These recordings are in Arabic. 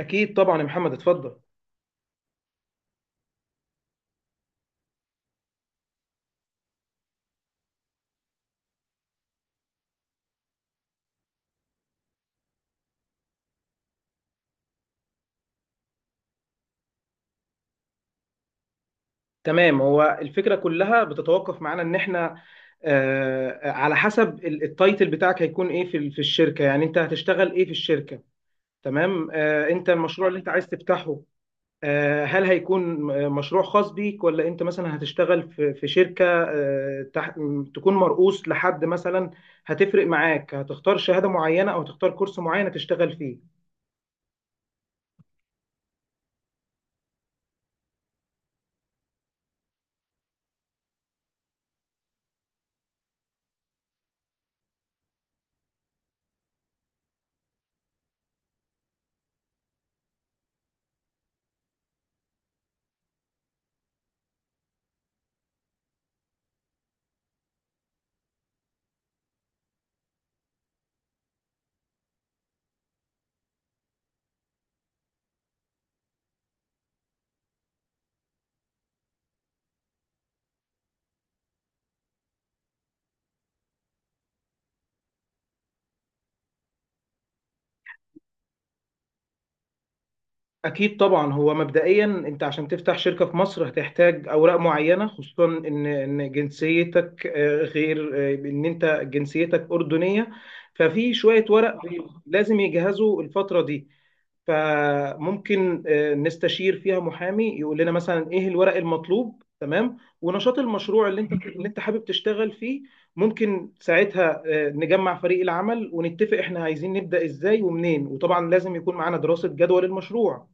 أكيد طبعا يا محمد، اتفضل. تمام، هو الفكرة كلها بتتوقف معانا إن إحنا على حسب التايتل بتاعك هيكون إيه في في الشركة؟ يعني أنت هتشتغل إيه في الشركة؟ تمام. أنت المشروع اللي أنت عايز تفتحه هل هيكون مشروع خاص بيك، ولا أنت مثلا هتشتغل في شركة تكون مرؤوس لحد مثلا؟ هتفرق معاك، هتختار شهادة معينة أو تختار كورس معين تشتغل فيه. أكيد طبعا. هو مبدئيا أنت عشان تفتح شركة في مصر هتحتاج أوراق معينة، خصوصا إن جنسيتك غير، إن أنت جنسيتك أردنية. ففي شوية ورق لازم يجهزوا الفترة دي. فممكن نستشير فيها محامي يقول لنا مثلا إيه الورق المطلوب، تمام، ونشاط المشروع اللي أنت حابب تشتغل فيه. ممكن ساعتها نجمع فريق العمل ونتفق إحنا عايزين نبدأ إزاي ومنين، وطبعا لازم يكون معانا دراسة جدوى للمشروع.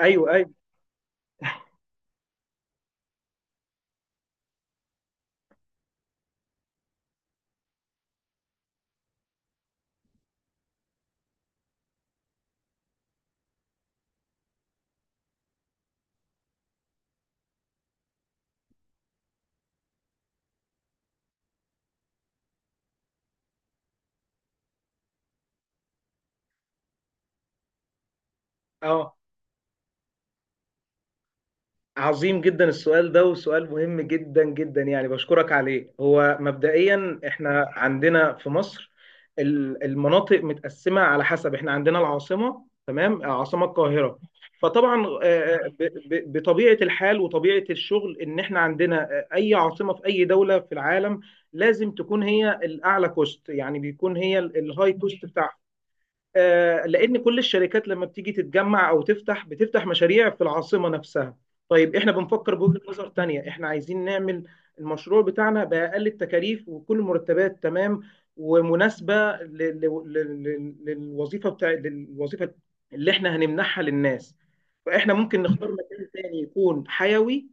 ايوه ايوه. اه. عظيم جدا السؤال ده، وسؤال مهم جدا جدا. يعني بشكرك عليه. هو مبدئيا احنا عندنا في مصر المناطق متقسمة، على حسب. احنا عندنا العاصمة، تمام، عاصمة القاهرة. فطبعا آه، ب- بطبيعة الحال وطبيعة الشغل ان احنا عندنا اي عاصمة في اي دولة في العالم لازم تكون هي الاعلى كوست. يعني بيكون هي الهاي كوست بتاعها. لان كل الشركات لما بتيجي تتجمع او تفتح بتفتح مشاريع في العاصمه نفسها. طيب، احنا بنفكر بوجهه نظر تانية. احنا عايزين نعمل المشروع بتاعنا باقل التكاليف، وكل المرتبات تمام ومناسبه للوظيفه للوظيفه اللي احنا هنمنحها للناس. فاحنا ممكن نختار مكان تاني يكون حيوي،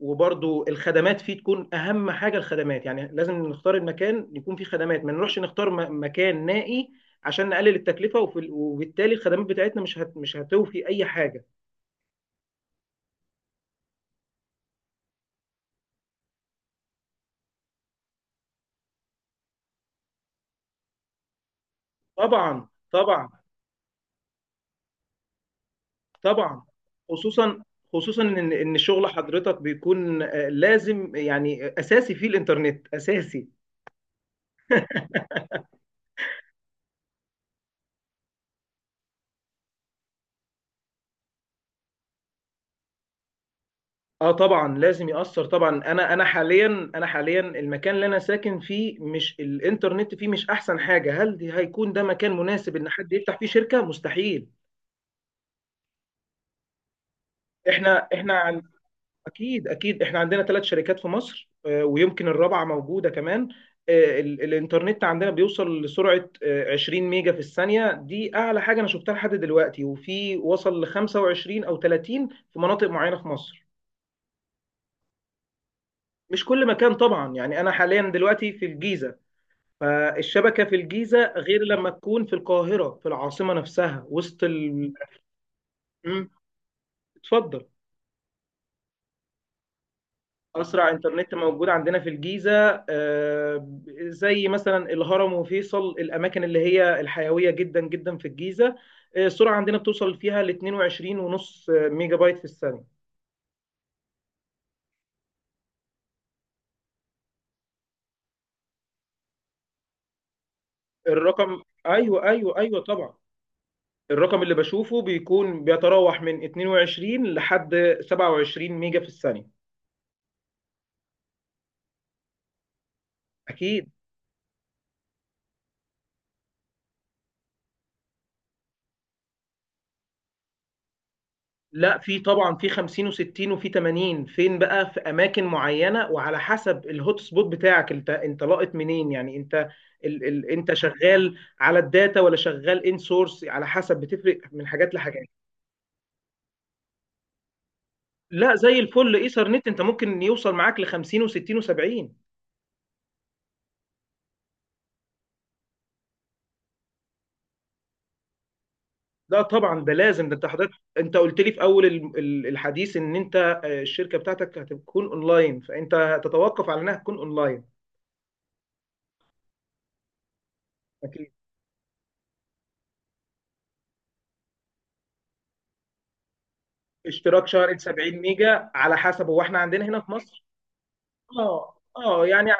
وبرضو الخدمات فيه تكون اهم حاجه. الخدمات يعني لازم نختار المكان يكون فيه خدمات، ما نروحش نختار مكان نائي عشان نقلل التكلفه، وبالتالي الخدمات بتاعتنا مش هتوفي اي حاجه. طبعا طبعا طبعا. خصوصا خصوصا ان شغل حضرتك بيكون لازم، يعني اساسي فيه الانترنت، اساسي. اه طبعا لازم يأثر طبعا. انا حاليا، حاليا المكان اللي انا ساكن فيه مش الانترنت فيه مش احسن حاجه. هل دي هيكون ده مكان مناسب ان حد يفتح فيه شركه؟ مستحيل. احنا احنا عن اكيد اكيد، احنا عندنا ثلاث شركات في مصر، ويمكن الرابعه موجوده كمان. الانترنت عندنا بيوصل لسرعه 20 ميجا في الثانيه، دي اعلى حاجه انا شفتها لحد دلوقتي. وفي وصل ل 25 او 30 في مناطق معينه في مصر. مش كل مكان طبعا. يعني انا حاليا دلوقتي في الجيزه، فالشبكة في الجيزة غير لما تكون في القاهرة في العاصمة نفسها، وسط ال... مم، اتفضل. أسرع إنترنت موجود عندنا في الجيزة، زي مثلا الهرم وفيصل، الأماكن اللي هي الحيوية جدا جدا في الجيزة، السرعة عندنا بتوصل فيها ل 22 ونص ميجا بايت في الثانية. الرقم، أيوه أيوه أيوه، طبعا. الرقم اللي بشوفه بيكون بيتراوح من 22 لحد 27 ميجا في الثانية. أكيد. لا، في طبعا، في 50 و60 وفي 80، فين بقى؟ في اماكن معينه، وعلى حسب الهوت سبوت بتاعك. انت لاقط منين؟ يعني انت ال ال انت شغال على الداتا ولا شغال ان سورس؟ على حسب، بتفرق من حاجات لحاجات. لا، زي الفل ايثر نت انت ممكن يوصل معاك ل 50 و60 و70. لا طبعا ده لازم. ده انت، حضرتك انت قلت لي في اول الحديث ان انت الشركه بتاعتك هتكون اونلاين، فانت تتوقف على انها تكون اونلاين. اشتراك شهري ب 70 ميجا، على حسب. هو احنا عندنا هنا في مصر اه يعني،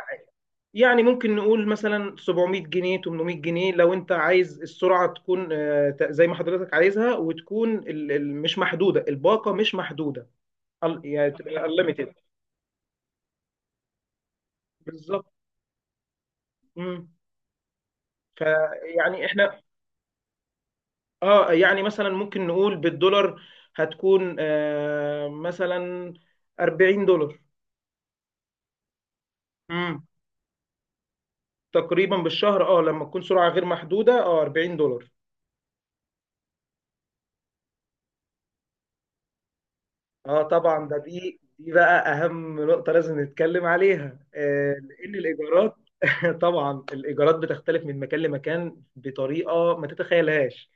ممكن نقول مثلا 700 جنيه، 800 جنيه، لو انت عايز السرعه تكون زي ما حضرتك عايزها، وتكون مش محدوده. الباقه مش محدوده، يعني تبقى انليميتد. بالظبط. امم فيعني احنا، اه يعني مثلا ممكن نقول بالدولار، هتكون آه مثلا 40 دولار. امم تقريبا بالشهر، اه لما تكون سرعه غير محدوده، اه، 40 دولار. اه طبعا ده، دي بقى اهم نقطه لازم نتكلم عليها، آه، لان الايجارات طبعا الايجارات بتختلف من مكان لمكان بطريقه ما تتخيلهاش.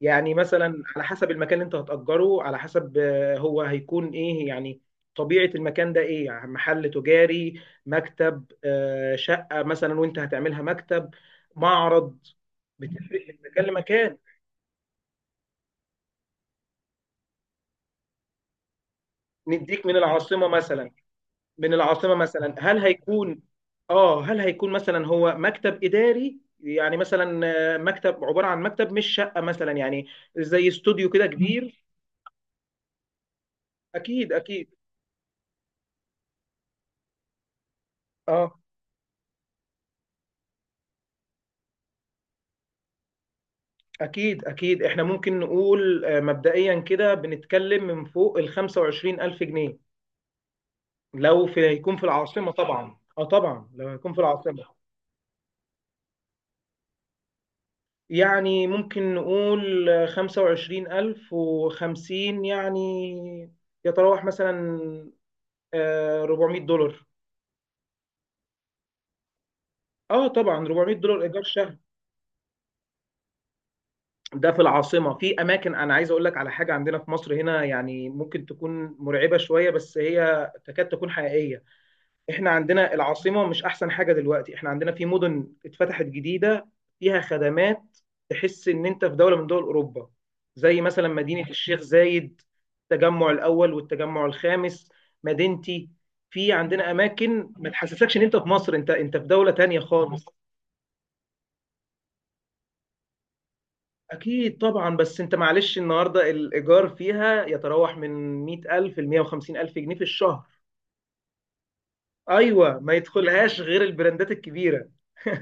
يعني مثلا على حسب المكان اللي انت هتأجره، على حسب هو هيكون ايه يعني، طبيعه المكان ده ايه يعني، محل تجاري، مكتب، آه شقه مثلا وانت هتعملها مكتب، معرض. بتفرق من مكان لمكان. نديك من العاصمه مثلا. من العاصمة مثلا هل هيكون، اه هل هيكون مثلا هو مكتب إداري يعني مثلا، مكتب عبارة عن مكتب مش شقة مثلا، يعني زي استوديو كده كبير. أكيد أكيد. اه أكيد أكيد. إحنا ممكن نقول مبدئيا كده بنتكلم من فوق ال 25 ألف جنيه، لو في هيكون في العاصمة طبعا. اه طبعا لو هيكون في العاصمة يعني ممكن نقول 25 ألف وخمسين يعني، يتراوح مثلا آه 400 دولار. اه طبعا 400 دولار ايجار شهر. ده في العاصمه. في اماكن انا عايز اقول لك على حاجه عندنا في مصر هنا، يعني ممكن تكون مرعبه شويه بس هي تكاد تكون حقيقيه. احنا عندنا العاصمه مش احسن حاجه دلوقتي. احنا عندنا في مدن اتفتحت جديده فيها خدمات، تحس ان انت في دوله من دول اوروبا، زي مثلا مدينه الشيخ زايد، التجمع الاول والتجمع الخامس، مدينتي. في عندنا اماكن ما تحسسكش ان انت في مصر، انت في دوله تانية خالص. أكيد طبعا. بس أنت معلش، النهاردة الإيجار فيها يتراوح من 100,000 ل 150,000 جنيه في الشهر. أيوة، ما يدخلهاش غير البراندات الكبيرة.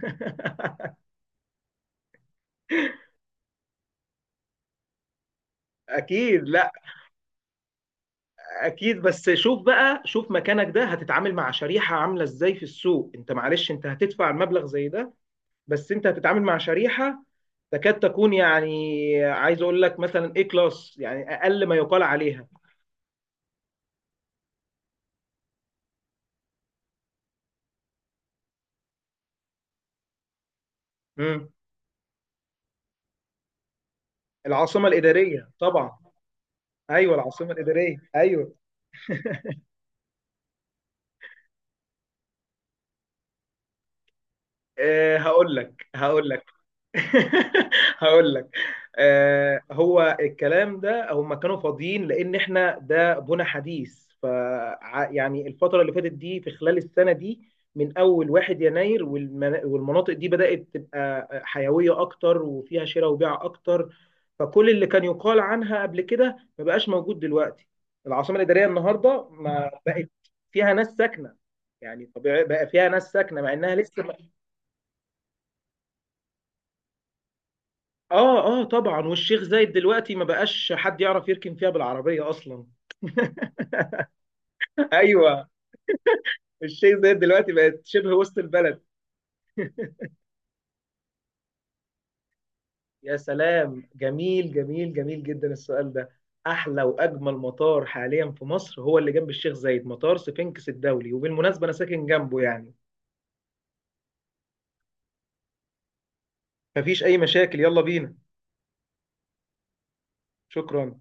اكيد. لا، اكيد. بس شوف بقى، شوف مكانك ده هتتعامل مع شريحه عامله ازاي في السوق. انت معلش انت هتدفع المبلغ زي ده، بس انت هتتعامل مع شريحه تكاد تكون، يعني، عايز اقول لك مثلا ايه، كلاس. يعني اقل ما يقال عليها. امم العاصمه الاداريه طبعا. ايوه العاصمه الاداريه ايوه. أه هقول لك هقول لك. هقول لك. أه، هو الكلام ده، هم كانوا فاضيين لان احنا ده بنا حديث. ف يعني الفتره اللي فاتت دي، في خلال السنه دي من اول 1 يناير، والمناطق دي بدات تبقى حيويه اكتر وفيها شراء وبيع اكتر. فكل اللي كان يقال عنها قبل كده ما بقاش موجود دلوقتي. العاصمه الاداريه النهارده ما بقت فيها ناس ساكنه. يعني طبيعي بقى فيها ناس ساكنه مع انها لسه. اه اه طبعا. والشيخ زايد دلوقتي ما بقاش حد يعرف يركن فيها بالعربية اصلا. ايوه. الشيخ زايد دلوقتي بقت شبه وسط البلد. يا سلام، جميل جميل جميل جدا السؤال ده. احلى واجمل مطار حاليا في مصر هو اللي جنب الشيخ زايد، مطار سفنكس الدولي، وبالمناسبة انا ساكن جنبه يعني. مفيش اي مشاكل، يلا بينا. شكرا.